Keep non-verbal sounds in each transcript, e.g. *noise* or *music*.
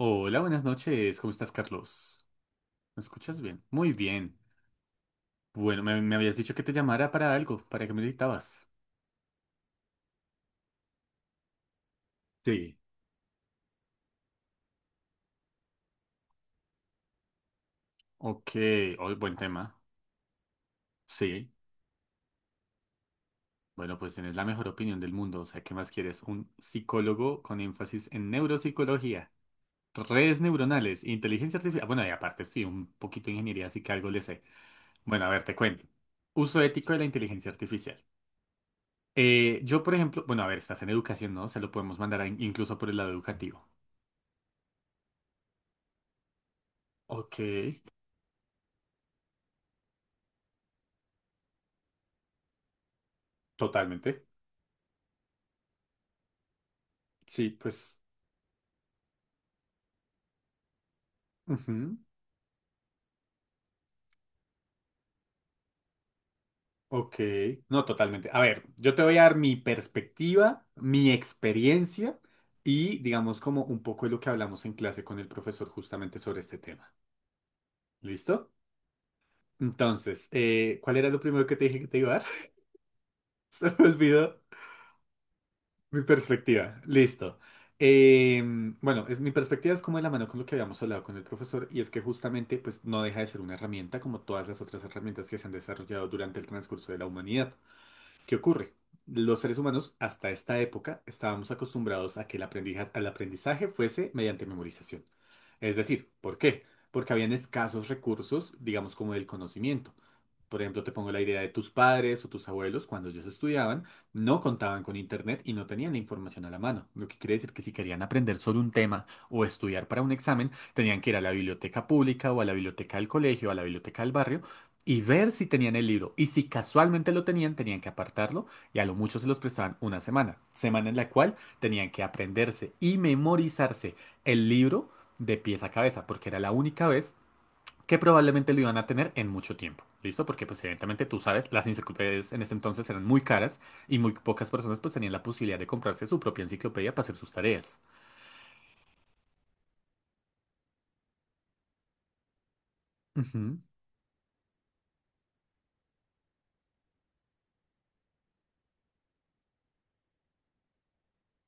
Hola, buenas noches. ¿Cómo estás, Carlos? ¿Me escuchas bien? Muy bien. Bueno, me habías dicho que te llamara para algo, para que me necesitabas. Sí. Ok, hoy buen tema. Sí. Bueno, pues tienes la mejor opinión del mundo. O sea, ¿qué más quieres? Un psicólogo con énfasis en neuropsicología, redes neuronales, inteligencia artificial. Bueno, y aparte estudié un poquito de ingeniería, así que algo le sé. Bueno, a ver, te cuento. Uso ético de la inteligencia artificial. Yo, por ejemplo, bueno, a ver, estás en educación, ¿no? Se lo podemos mandar a- incluso por el lado educativo. Ok, totalmente. Sí, pues. Ujú. Ok, no, totalmente. A ver, yo te voy a dar mi perspectiva, mi experiencia y digamos como un poco de lo que hablamos en clase con el profesor justamente sobre este tema. ¿Listo? Entonces, ¿cuál era lo primero que te dije que te iba a dar? *laughs* Se me olvidó. Mi perspectiva, listo. Eh, bueno, mi perspectiva es como de la mano con lo que habíamos hablado con el profesor y es que justamente pues no deja de ser una herramienta como todas las otras herramientas que se han desarrollado durante el transcurso de la humanidad. ¿Qué ocurre? Los seres humanos hasta esta época estábamos acostumbrados a que el al aprendizaje fuese mediante memorización. Es decir, ¿por qué? Porque habían escasos recursos, digamos, como del conocimiento. Por ejemplo, te pongo la idea de tus padres o tus abuelos, cuando ellos estudiaban, no contaban con internet y no tenían la información a la mano. Lo que quiere decir que si querían aprender sobre un tema o estudiar para un examen, tenían que ir a la biblioteca pública o a la biblioteca del colegio, a la biblioteca del barrio y ver si tenían el libro. Y si casualmente lo tenían, tenían que apartarlo y a lo mucho se los prestaban una semana. Semana en la cual tenían que aprenderse y memorizarse el libro de pies a cabeza, porque era la única vez que probablemente lo iban a tener en mucho tiempo. ¿Listo? Porque pues evidentemente tú sabes, las enciclopedias en ese entonces eran muy caras y muy pocas personas pues tenían la posibilidad de comprarse su propia enciclopedia para hacer sus tareas. Ujú.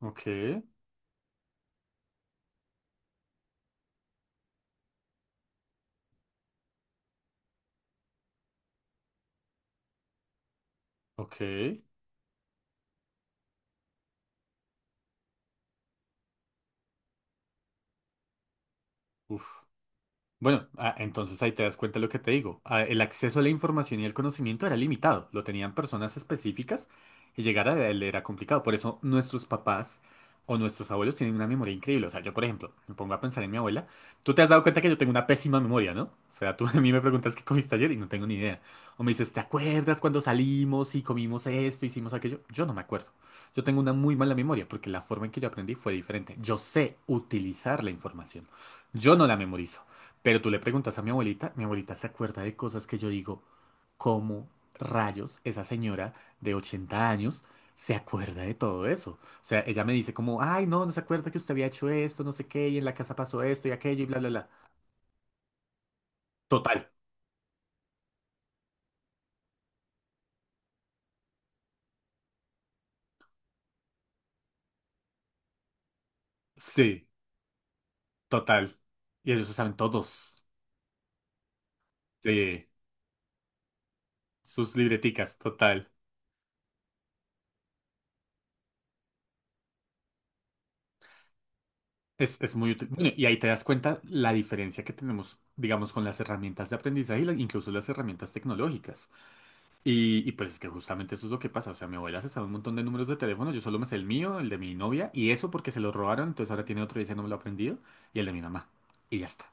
Ok, ok. Uf. Bueno, ah, entonces ahí te das cuenta de lo que te digo. Ah, el acceso a la información y el conocimiento era limitado, lo tenían personas específicas y llegar a él era complicado. Por eso nuestros papás o nuestros abuelos tienen una memoria increíble. O sea, yo, por ejemplo, me pongo a pensar en mi abuela. Tú te has dado cuenta que yo tengo una pésima memoria, ¿no? O sea, tú *laughs* a mí me preguntas qué comiste ayer y no tengo ni idea. O me dices, ¿te acuerdas cuando salimos y comimos esto, hicimos aquello? Yo no me acuerdo. Yo tengo una muy mala memoria porque la forma en que yo aprendí fue diferente. Yo sé utilizar la información. Yo no la memorizo. Pero tú le preguntas a mi abuelita se acuerda de cosas que yo digo, ¿cómo rayos esa señora de 80 años se acuerda de todo eso? O sea, ella me dice como, ay, no, no se acuerda que usted había hecho esto, no sé qué, y en la casa pasó esto y aquello y bla, bla, bla. Total, sí, total. Y ellos lo saben todos. Sí, sus libreticas, total. Es muy útil. Bueno, y ahí te das cuenta la diferencia que tenemos, digamos, con las herramientas de aprendizaje y incluso las herramientas tecnológicas. Y pues es que justamente eso es lo que pasa. O sea, mi abuela se sabe un montón de números de teléfono. Yo solo me sé el mío, el de mi novia, y eso porque se lo robaron. Entonces ahora tiene otro y ese no me lo ha aprendido. Y el de mi mamá. Y ya está.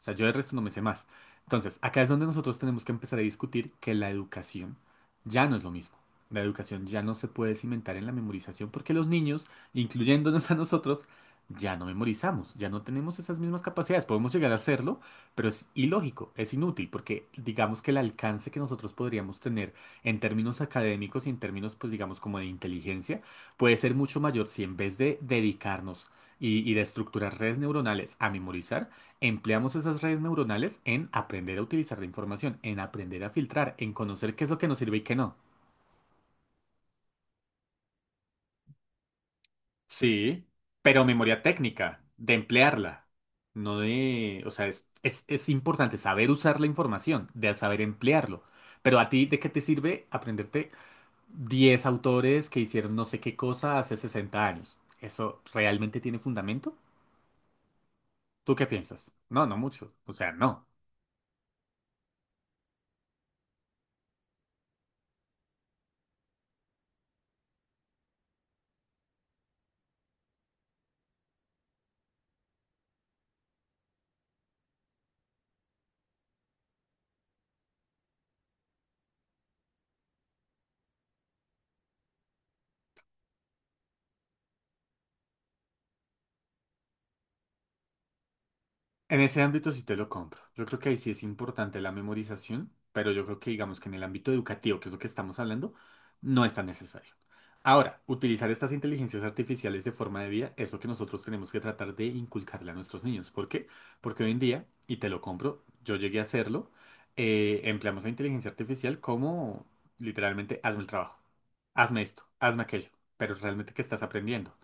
O sea, yo el resto no me sé más. Entonces, acá es donde nosotros tenemos que empezar a discutir que la educación ya no es lo mismo. La educación ya no se puede cimentar en la memorización porque los niños, incluyéndonos a nosotros, ya no memorizamos, ya no tenemos esas mismas capacidades. Podemos llegar a hacerlo, pero es ilógico, es inútil, porque digamos que el alcance que nosotros podríamos tener en términos académicos y en términos, pues digamos, como de inteligencia, puede ser mucho mayor si en vez de dedicarnos y de estructurar redes neuronales a memorizar, empleamos esas redes neuronales en aprender a utilizar la información, en aprender a filtrar, en conocer qué es lo que nos sirve y qué no. Sí, pero memoria técnica, de emplearla, no de, o sea, es importante saber usar la información, de saber emplearlo. Pero a ti, ¿de qué te sirve aprenderte 10 autores que hicieron no sé qué cosa hace 60 años? ¿Eso realmente tiene fundamento? ¿Tú qué piensas? No, no mucho. O sea, no. En ese ámbito sí te lo compro. Yo creo que ahí sí es importante la memorización, pero yo creo que digamos que en el ámbito educativo, que es lo que estamos hablando, no es tan necesario. Ahora, utilizar estas inteligencias artificiales de forma de vida es lo que nosotros tenemos que tratar de inculcarle a nuestros niños. ¿Por qué? Porque hoy en día, y te lo compro, yo llegué a hacerlo, empleamos la inteligencia artificial como literalmente hazme el trabajo, hazme esto, hazme aquello, pero realmente ¿qué estás aprendiendo?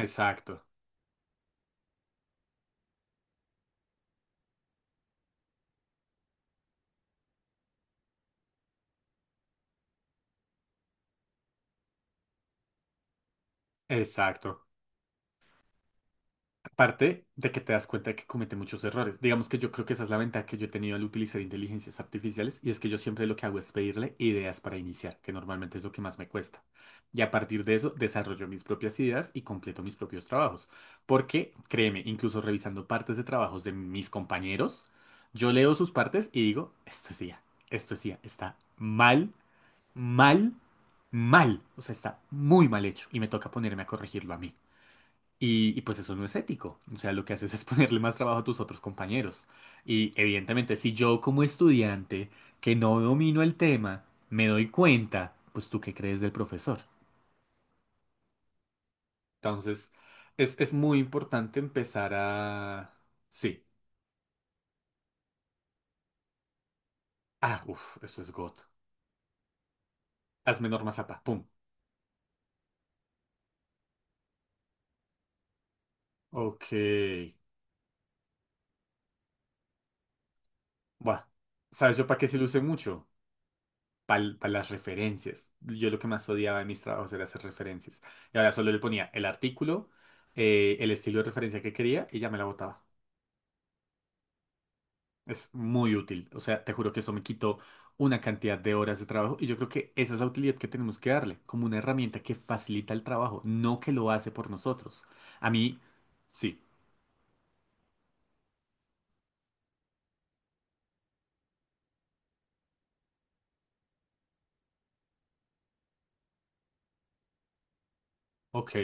Exacto, exacto. Parte de que te das cuenta de que comete muchos errores. Digamos que yo creo que esa es la ventaja que yo he tenido al utilizar inteligencias artificiales y es que yo siempre lo que hago es pedirle ideas para iniciar, que normalmente es lo que más me cuesta. Y a partir de eso desarrollo mis propias ideas y completo mis propios trabajos. Porque, créeme, incluso revisando partes de trabajos de mis compañeros, yo leo sus partes y digo, esto es IA, esto es IA, está mal, mal, mal. O sea, está muy mal hecho y me toca ponerme a corregirlo a mí. Y pues eso no es ético. O sea, lo que haces es *laughs* ponerle más trabajo a tus otros compañeros. Y evidentemente, si yo como estudiante que no domino el tema, me doy cuenta, pues tú qué crees del profesor. Entonces, es muy importante empezar a... Sí. Ah, uff, eso es God. Hazme norma zapa. Pum. Ok. Buah. ¿Sabes yo para qué se luce mucho? Para las referencias. Yo lo que más odiaba de mis trabajos era hacer referencias. Y ahora solo le ponía el artículo, el estilo de referencia que quería y ya me la botaba. Es muy útil. O sea, te juro que eso me quitó una cantidad de horas de trabajo y yo creo que esa es la utilidad que tenemos que darle, como una herramienta que facilita el trabajo, no que lo hace por nosotros. A mí, sí. Ok,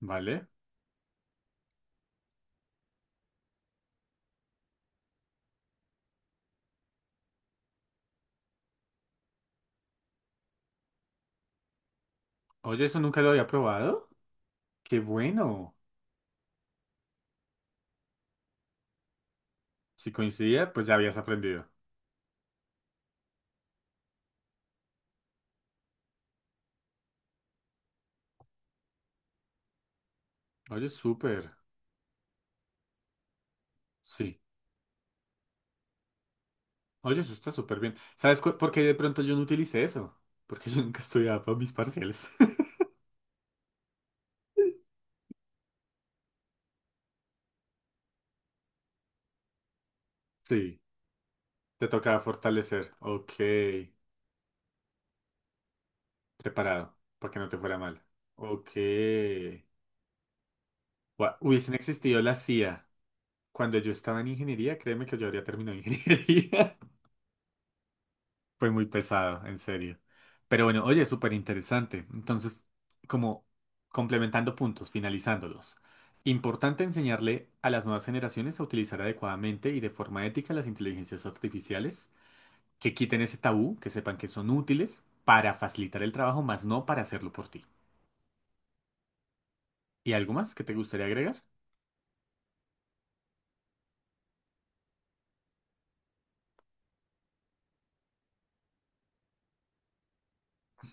vale. Oye, eso nunca lo había probado. Qué bueno. Si coincidía, pues ya habías aprendido. Oye, súper. Sí. Oye, eso está súper bien. ¿Sabes cu- por qué de pronto yo no utilicé eso? Porque yo nunca estudiaba para mis parciales. *laughs* Sí, te tocaba fortalecer. Ok, preparado, para que no te fuera mal. Ok. Gua- Hubiesen existido la CIA cuando yo estaba en ingeniería, créeme que yo habría terminado ingeniería. *laughs* Fue muy pesado, en serio. Pero bueno, oye, súper interesante. Entonces, como complementando puntos, finalizándolos. Importante enseñarle a las nuevas generaciones a utilizar adecuadamente y de forma ética las inteligencias artificiales, que quiten ese tabú, que sepan que son útiles para facilitar el trabajo, más no para hacerlo por ti. ¿Y algo más que te gustaría agregar?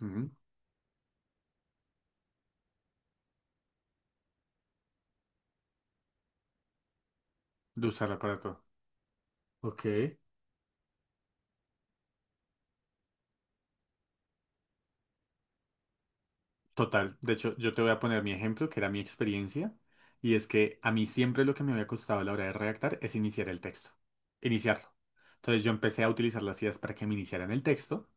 Ujú, de usarla para todo. Ok. Total, de hecho, yo te voy a poner mi ejemplo, que era mi experiencia, y es que a mí siempre lo que me había costado a la hora de redactar es iniciar el texto, iniciarlo. Entonces yo empecé a utilizar las ideas para que me iniciaran el texto,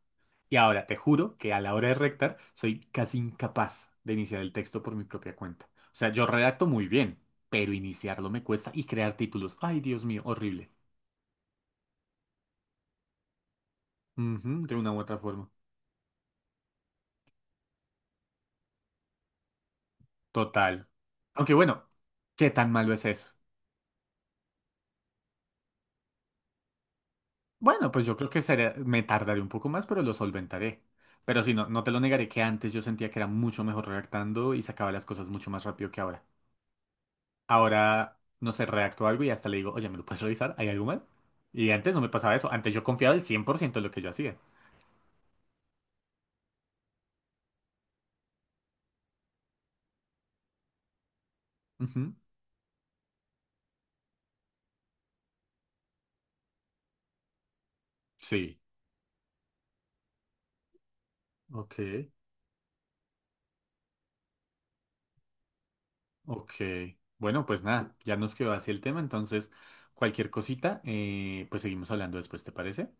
y ahora te juro que a la hora de redactar soy casi incapaz de iniciar el texto por mi propia cuenta. O sea, yo redacto muy bien, pero iniciarlo me cuesta y crear títulos. Ay, Dios mío, horrible. Ujú, de una u otra forma. Total. Aunque bueno, ¿qué tan malo es eso? Bueno, pues yo creo que sería- me tardaré un poco más, pero lo solventaré. Pero sí, no, no te lo negaré que antes yo sentía que era mucho mejor redactando y sacaba las cosas mucho más rápido que ahora. Ahora, no sé, redacto algo y hasta le digo, oye, ¿me lo puedes revisar? ¿Hay algo mal? Y antes no me pasaba eso. Antes yo confiaba el 100% de lo que yo hacía. Ujú. Sí, ok, ok. Bueno, pues nada, ya nos quedó así el tema. Entonces, cualquier cosita, pues seguimos hablando después, ¿te parece?